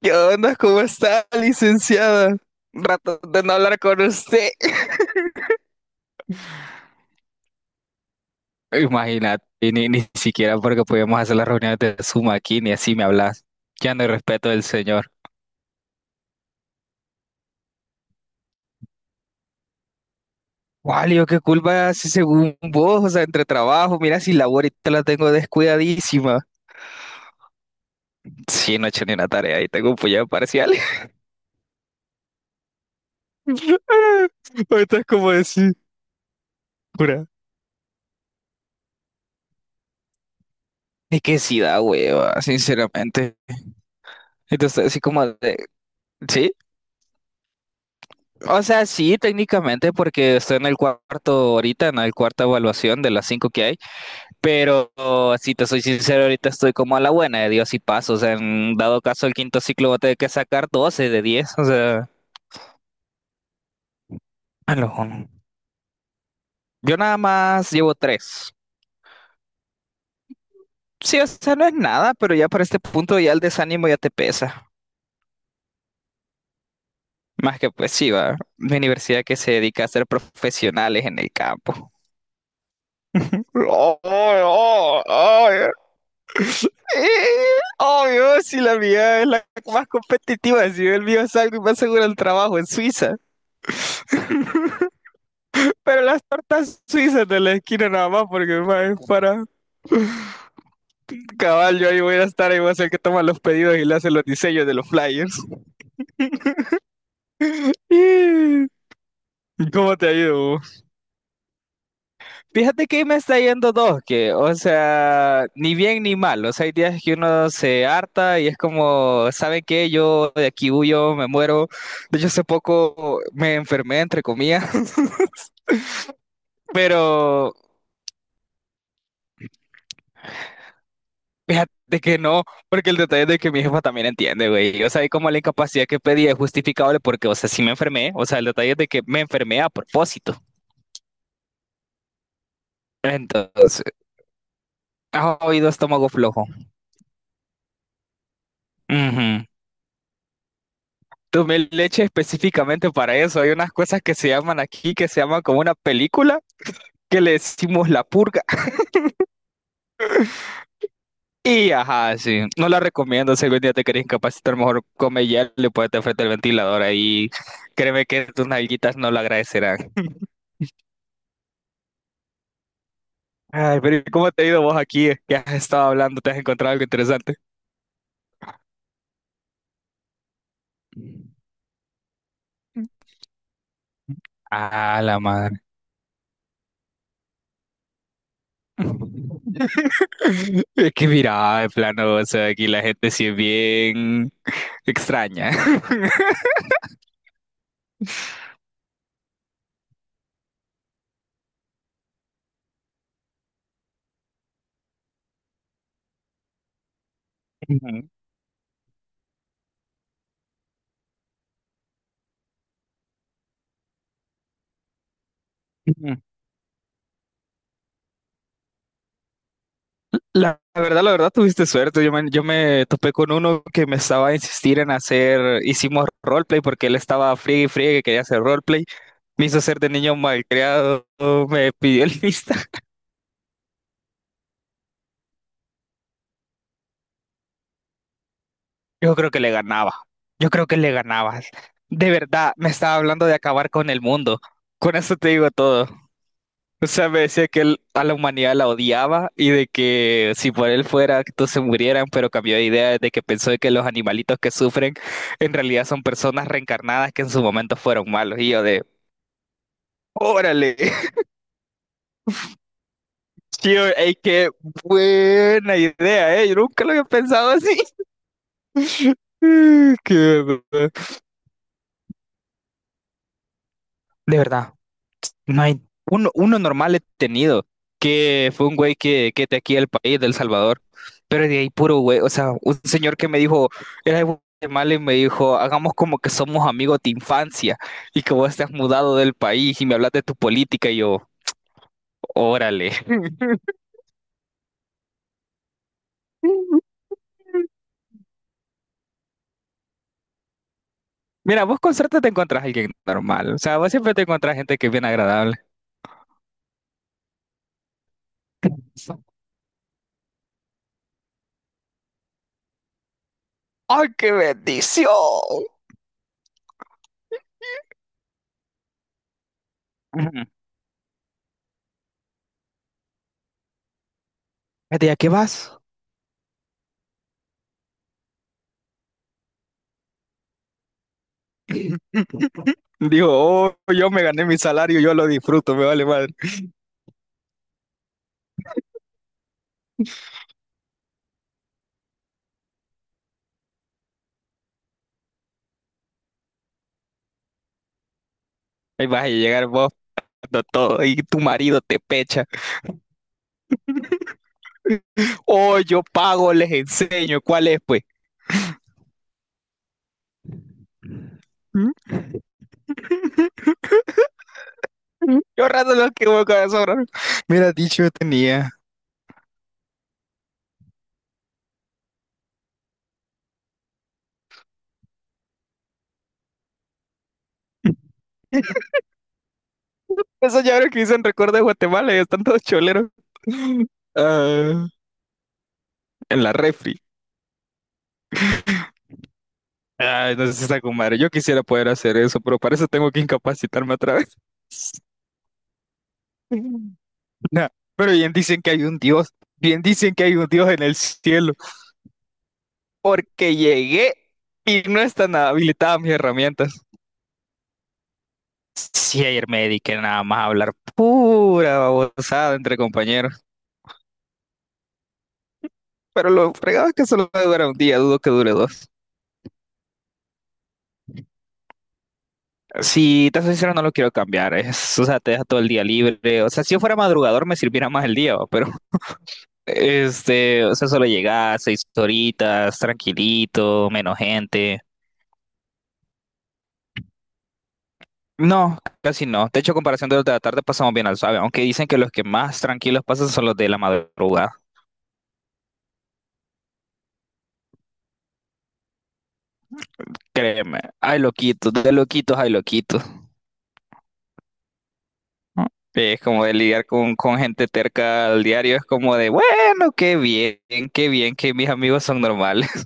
¿Qué onda? ¿Cómo está, licenciada? Rato de no hablar con usted. Imagínate, y ni siquiera porque podíamos hacer las reuniones de Zoom aquí, ni así me hablas. Ya no hay respeto del señor. Walio, qué culpa si según vos, o sea, entre trabajo, mira si la ahorita la tengo descuidadísima. Sí, no he hecho ni una tarea y tengo un puñado parcial. Ahorita es como decir, pura. Es que sí da hueva, sinceramente. Entonces, así como de, sí. O sea, sí, técnicamente, porque estoy en el cuarto ahorita, en el cuarta evaluación de las cinco que hay, pero si te soy sincero, ahorita estoy como a la buena de Dios y paso, o sea, en dado caso el quinto ciclo voy a tener que sacar 12 de 10, o sea, a lo jun- yo nada más llevo tres. Sí, o sea, no es nada, pero ya para este punto ya el desánimo ya te pesa. Más que pues sí, va. Mi universidad que se dedica a ser profesionales en el campo. Eh, Obvio, si la mía es la más competitiva, si yo el mío salgo y me aseguro el trabajo en Suiza. Pero las tortas suizas de la esquina nada más, porque ma, es para cabal, yo ahí voy a estar, ahí voy a ser el que toma los pedidos y le hace los diseños de los flyers. Eh, ¿Cómo te ha ido, vos? Fíjate que me está yendo dos, que, o sea, ni bien ni mal. O sea, hay días que uno se harta y es como, ¿saben qué? Yo de aquí huyo, me muero. De hecho, hace poco me enfermé, entre comillas. Pero fíjate que no, porque el detalle es de que mi jefa también entiende, güey. O sea, y como la incapacidad que pedí es justificable porque, o sea, sí me enfermé. O sea, el detalle es de que me enfermé a propósito. Entonces, ha oído estómago flojo. Ujú. Tomé leche específicamente para eso. Hay unas cosas que se llaman aquí, que se llaman como una película, que le decimos la purga. Y ajá, sí. No la recomiendo. Si algún día te querés incapacitar, mejor come hielo y ponete frente al ventilador ahí. Créeme que tus nalguitas no lo agradecerán. Ay, pero ¿y cómo te ha ido vos aquí? ¿Qué has estado hablando? ¿Te has encontrado algo interesante? Ah, la madre. Es que mira, de plano, o sea, aquí la gente sí es bien extraña. Ujú, ujú. La verdad, la verdad, tuviste suerte. Yo me topé con uno que me estaba a insistir en hacer, hicimos roleplay porque él estaba friegue y friegue que quería hacer roleplay. Me hizo ser de niño malcriado, me pidió el lista. Yo creo que le ganaba. Yo creo que le ganabas. De verdad, me estaba hablando de acabar con el mundo. Con eso te digo todo. O sea, me decía que él a la humanidad la odiaba y de que si por él fuera que todos se murieran, pero cambió de idea desde que pensó de que los animalitos que sufren en realidad son personas reencarnadas que en su momento fueron malos. Y yo de, órale, tío, ey, qué buena idea, eh. Yo nunca lo había pensado así. Qué... verdad. De verdad. No hay uno normal he tenido, que fue un güey que es de aquí del país, del Salvador, pero de ahí puro güey, o sea, un señor que me dijo, era de Guatemala y me dijo, hagamos como que somos amigos de infancia y que vos te has mudado del país y me hablas de tu política y yo, órale. Mira, vos con suerte te encontrás a alguien normal, o sea, vos siempre te encontrás gente que es bien agradable. ¡Ay, qué bendición! Ujú. Fíjate, ¿a qué vas? Dijo, oh, yo me gané mi salario, yo lo disfruto, me vale madre. Ahí vas a llegar vos dando todo y tu marido te pecha. Oh, yo pago, les enseño. ¿Cuál es, pues? ¿Mm? Yo rato lo que voy, corazón. Mira, dicho yo tenía. Esos llaveros que dicen recuerdo de Guatemala y están todos choleros. Ah, en la refri. Ay, no sé si está con madre. Yo quisiera poder hacer eso, pero para eso tengo que incapacitarme otra vez. Nah, pero bien dicen que hay un Dios, bien dicen que hay un Dios en el cielo, porque llegué y no están habilitadas mis herramientas. Sí, ayer me dediqué nada más a hablar pura babosada entre compañeros. Pero lo fregado es que solo dura un día, dudo que dure dos. Si te soy sincero, no lo quiero cambiar. Es, o sea, te deja todo el día libre. O sea, si yo fuera madrugador me sirviera más el día, ¿va? Pero este, o sea, solo llegas 6 horitas, tranquilito, menos gente. No, casi no. De hecho, a comparación de los de la tarde pasamos bien al suave, aunque dicen que los que más tranquilos pasan son los de la madrugada. Créeme, hay loquitos, de loquitos hay loquitos. ¿No? Es como de lidiar con gente terca al diario, es como de, bueno, qué bien que mis amigos son normales.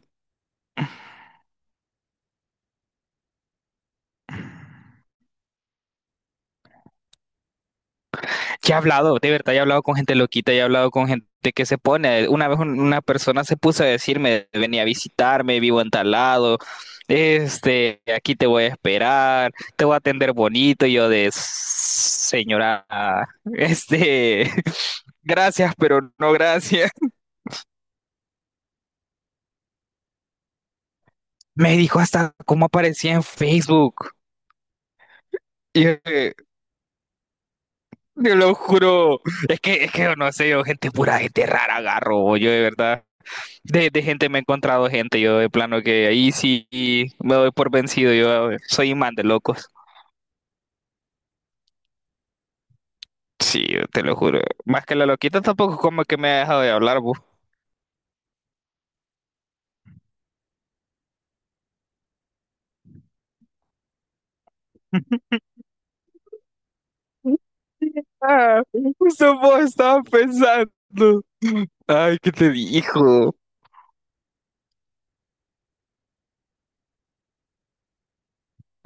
Ya he hablado, de verdad, ya he hablado con gente loquita, ya he hablado con gente que se pone. Una vez una persona se puso a decirme, venía a visitarme, vivo en tal lado, este, aquí te voy a esperar, te voy a atender bonito. Y yo de, señora, este, gracias, pero no gracias. Me dijo hasta cómo aparecía en Facebook. Y yo, de, "Te lo juro, es que, yo no sé, yo gente pura, gente rara agarro, yo de verdad. De, gente me he encontrado gente, yo de plano que ahí sí me doy por vencido, yo soy imán de locos. Sí, yo te lo juro. Más que la loquita tampoco como que me ha dejado de hablar, vos. Ah, justo vos estabas pensando. Ay, ¿qué te dijo?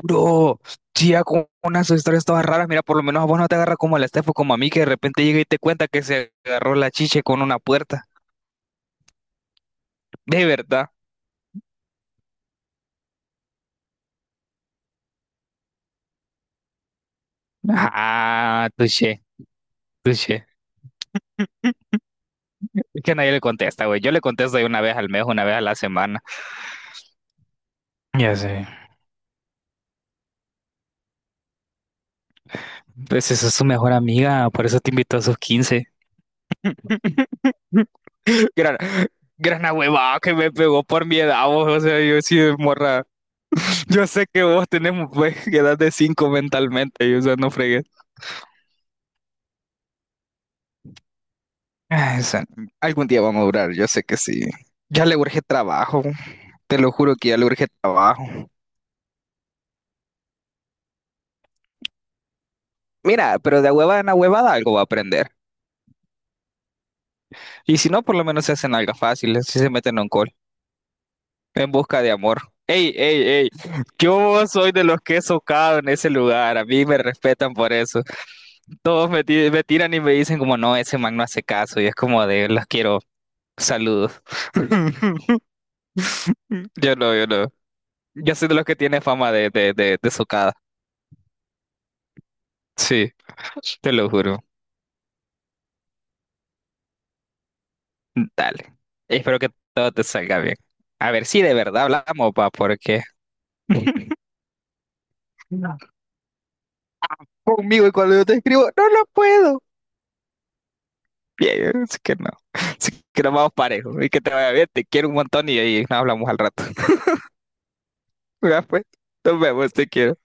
Bro, tía, con unas historias todas raras, mira, por lo menos a vos no te agarra como a la Estefo, como a mí, que de repente llega y te cuenta que se agarró la chiche con una puerta. De verdad. Ah, touché, touché. Que nadie le contesta, güey. Yo le contesto de una vez al mes, una vez a la semana. Ya sé. Pues esa es su mejor amiga, por eso te invitó a sus 15. Gran, gran huevada que me pegó por mi edad, vos. O sea, yo sí, morra. Yo sé que vos tenemos pues, edad de 5 mentalmente, y, o sea, no fregues. Ay, o sea, algún día vamos a durar, yo sé que sí. Ya le urge trabajo, te lo juro que ya le urge trabajo. Mira, pero de huevada en huevada algo va a aprender. Y si no, por lo menos se hacen algo fácil, si se meten en un call. En busca de amor. Ey, ey, ey. Yo soy de los que he socado en ese lugar. A mí me respetan por eso. Todos me, me tiran y me dicen como, no, ese man no hace caso. Y es como de, los quiero. Saludos. Yo no, yo no. Yo soy de los que tiene fama de, socada. Sí, te lo juro. Dale. Espero que todo te salga bien. A ver si de verdad hablamos, pa, porque conmigo y cuando yo te escribo, no lo puedo. Bien, así que no. Así que nos vamos parejos. Y que te vaya bien, te quiero un montón y ahí nos hablamos al rato. Ya, pues, nos vemos, te quiero.